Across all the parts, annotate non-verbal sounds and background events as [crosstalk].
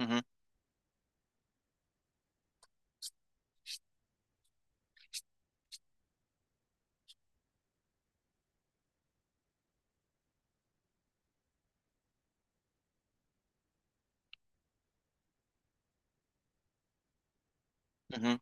Uhum, uhum,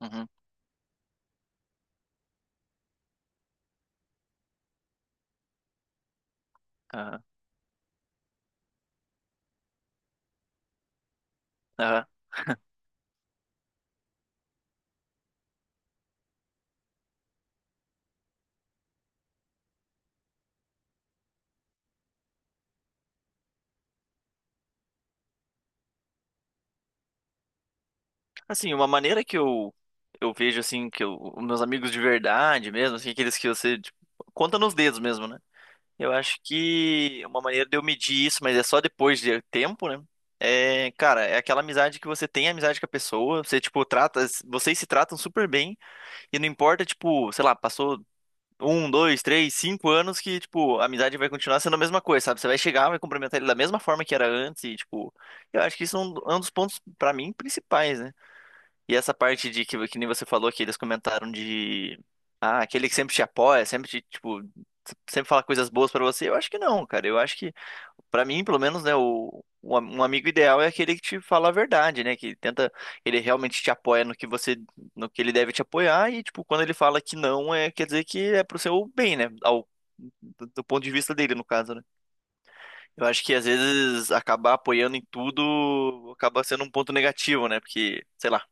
uhum. Aham, aham. Assim, uma maneira que eu vejo, assim, que eu, os meus amigos de verdade mesmo, assim, aqueles que você, tipo, conta nos dedos mesmo, né? Eu acho que uma maneira de eu medir isso, mas é só depois de tempo, né? É, cara, é aquela amizade que você tem amizade com a pessoa, você, tipo, trata, vocês se tratam super bem, e não importa, tipo, sei lá, passou um, dois, três, cinco anos que, tipo, a amizade vai continuar sendo a mesma coisa, sabe? Você vai chegar, vai cumprimentar ele da mesma forma que era antes e, tipo, eu acho que isso é é um dos pontos, pra mim, principais, né? E essa parte de que nem você falou que eles comentaram de. Ah, aquele que sempre te apoia, sempre te, tipo, sempre fala coisas boas pra você. Eu acho que não, cara. Eu acho que, pra mim, pelo menos, né, um amigo ideal é aquele que te fala a verdade, né? Que tenta, ele realmente te apoia no que você, no que ele deve te apoiar e, tipo, quando ele fala que não, é, quer dizer que é pro seu bem, né? Do ponto de vista dele, no caso, né? Eu acho que às vezes acabar apoiando em tudo acaba sendo um ponto negativo, né? Porque, sei lá,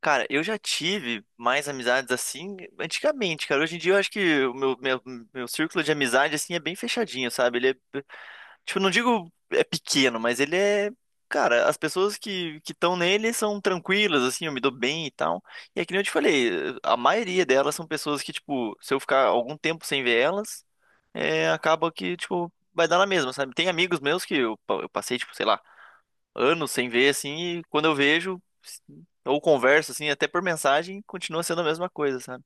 cara, eu já tive mais amizades assim antigamente, cara. Hoje em dia eu acho que o meu círculo de amizade assim é bem fechadinho, sabe? Ele é, tipo, não digo é pequeno, mas ele é, cara, as pessoas que estão nele são tranquilas assim, eu me dou bem e tal. E é que nem eu te falei, a maioria delas são pessoas que, tipo, se eu ficar algum tempo sem ver elas, é, acaba que, tipo, vai dar na mesma, sabe? Tem amigos meus que eu, eu passei, tipo, sei lá, anos sem ver, assim, e quando eu vejo, ou converso, assim, até por mensagem, continua sendo a mesma coisa, sabe?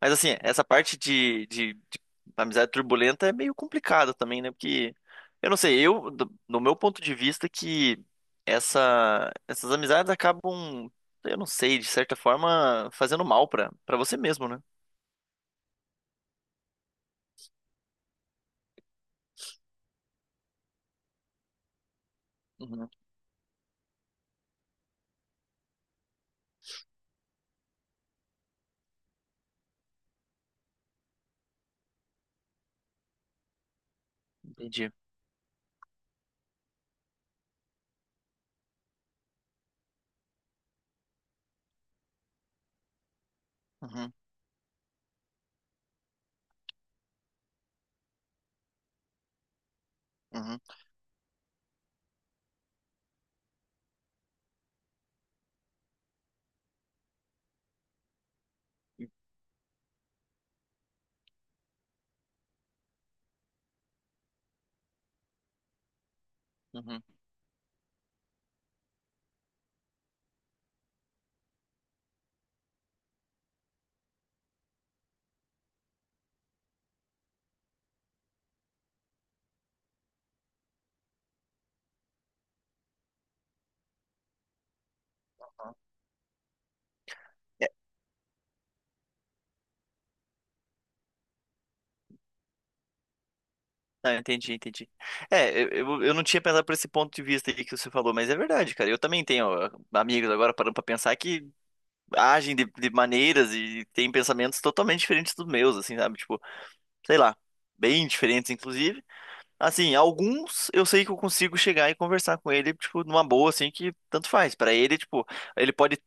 Mas, assim, essa parte de amizade turbulenta é meio complicada também, né? Porque, eu não sei, eu, do meu ponto de vista, que essas amizades acabam, eu não sei, de certa forma, fazendo mal pra você mesmo, né? Uhum, entendi. Uhum, uhum, uhum, uhum. Ah, entendi, entendi. É, eu não tinha pensado por esse ponto de vista aí que você falou, mas é verdade, cara. Eu também tenho ó, amigos agora parando pra pensar que agem de maneiras e têm pensamentos totalmente diferentes dos meus, assim, sabe? Tipo, sei lá, bem diferentes, inclusive. Assim, alguns eu sei que eu consigo chegar e conversar com ele, tipo, numa boa, assim, que tanto faz. Pra ele, tipo, ele pode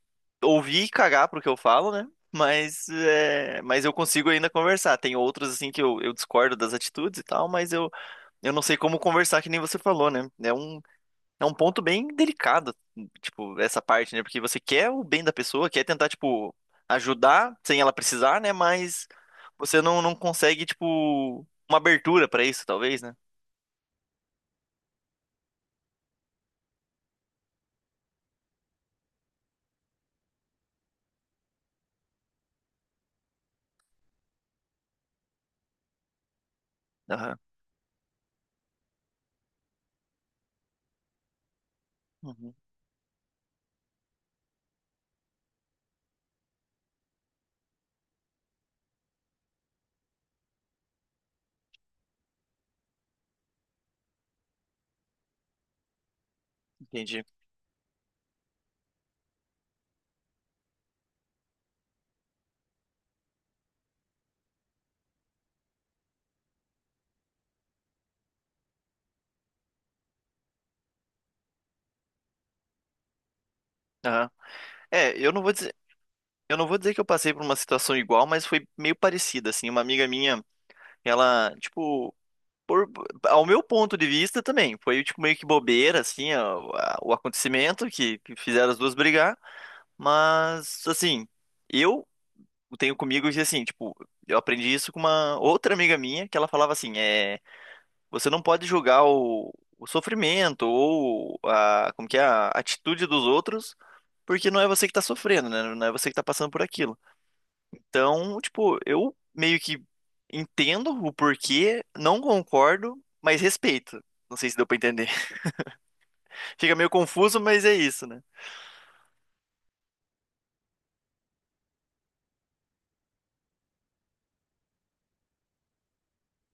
ouvir e cagar pro que eu falo, né? Mas, é, mas eu consigo ainda conversar. Tem outros, assim, que eu discordo das atitudes e tal, mas eu não sei como conversar, que nem você falou, né? É é um ponto bem delicado, tipo, essa parte, né? Porque você quer o bem da pessoa, quer tentar, tipo, ajudar sem ela precisar, né? Mas você não consegue, tipo, uma abertura pra isso, talvez, né? Aham. Uhum, entendi. Aham. É, eu não vou dizer, eu não vou dizer que eu passei por uma situação igual, mas foi meio parecida, assim. Uma amiga minha, ela, tipo, por- ao meu ponto de vista também, foi tipo meio que bobeira assim, o acontecimento que fizeram as duas brigar, mas assim, eu tenho comigo que assim, tipo, eu aprendi isso com uma outra amiga minha, que ela falava assim, é, você não pode julgar o sofrimento ou a, como que é, a atitude dos outros, porque não é você que tá sofrendo, né? Não é você que tá passando por aquilo. Então, tipo, eu meio que entendo o porquê, não concordo, mas respeito. Não sei se deu pra entender. [laughs] Fica meio confuso, mas é isso, né?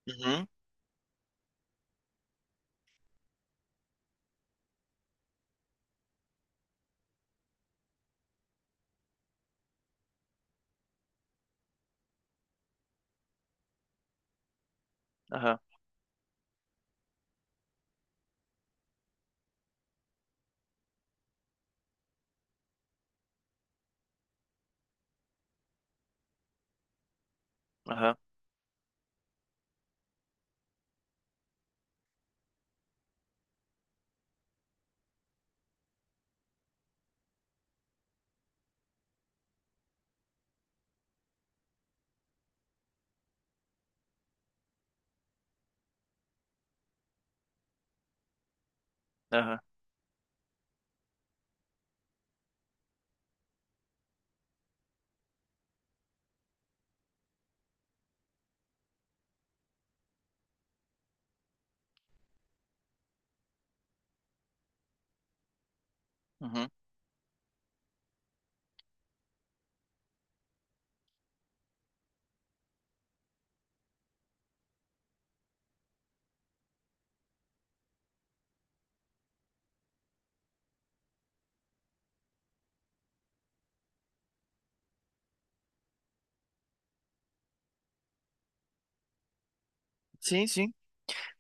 Uhum, aham, aham, aham, uhum. Sim, sim.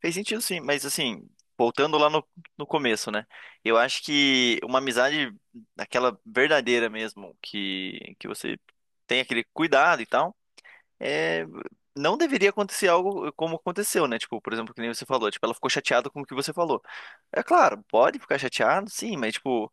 Fez sentido, sim. Mas, assim, voltando lá no começo, né? Eu acho que uma amizade, aquela verdadeira mesmo, que você tem aquele cuidado e tal. É, não deveria acontecer algo como aconteceu, né? Tipo, por exemplo, que nem você falou, tipo, ela ficou chateada com o que você falou. É claro, pode ficar chateado, sim, mas tipo,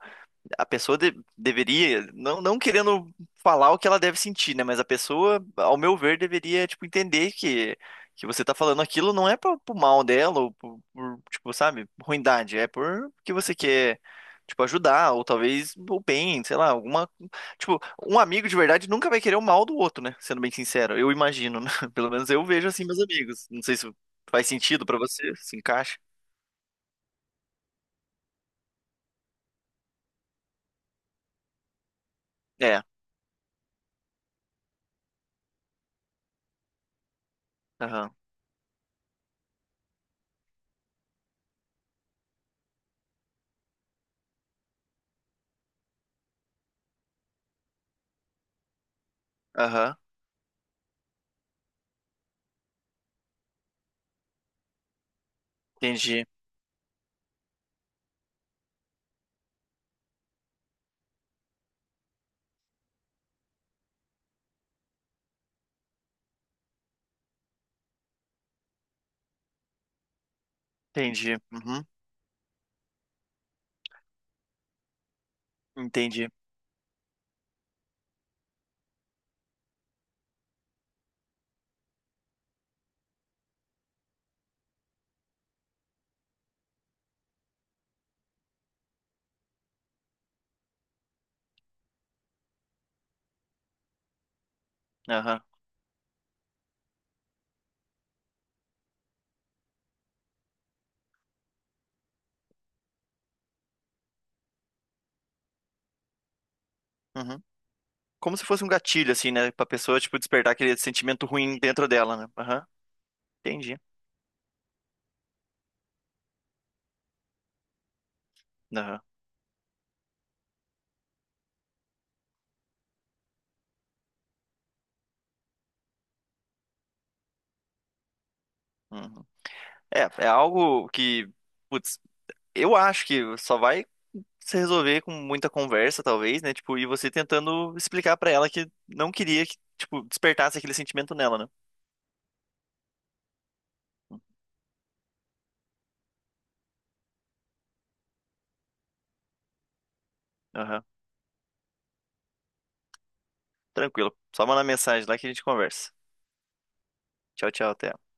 a pessoa deveria, não, não querendo falar o que ela deve sentir, né? Mas a pessoa, ao meu ver, deveria, tipo, entender que você tá falando aquilo não é pro mal dela, ou tipo, sabe, ruindade, é por que você quer, tipo, ajudar, ou talvez o bem, sei lá, alguma. Tipo, um amigo de verdade nunca vai querer o mal do outro, né? Sendo bem sincero, eu imagino, né? [laughs] Pelo menos eu vejo assim, meus amigos. Não sei se faz sentido pra você, se encaixa. É, aham, aham, entendi, entendi, uhum, entendi. Aham. Uhum. Como se fosse um gatilho, assim, né? Pra pessoa, tipo, despertar aquele sentimento ruim dentro dela, né? Aham. Entendi. Aham. Uhum. É, é algo que, putz, eu acho que só vai se resolver com muita conversa, talvez, né? Tipo, e você tentando explicar pra ela que não queria que, tipo, despertasse aquele sentimento nela, né? Aham. Tranquilo. Só mandar mensagem lá que a gente conversa. Tchau, tchau, até.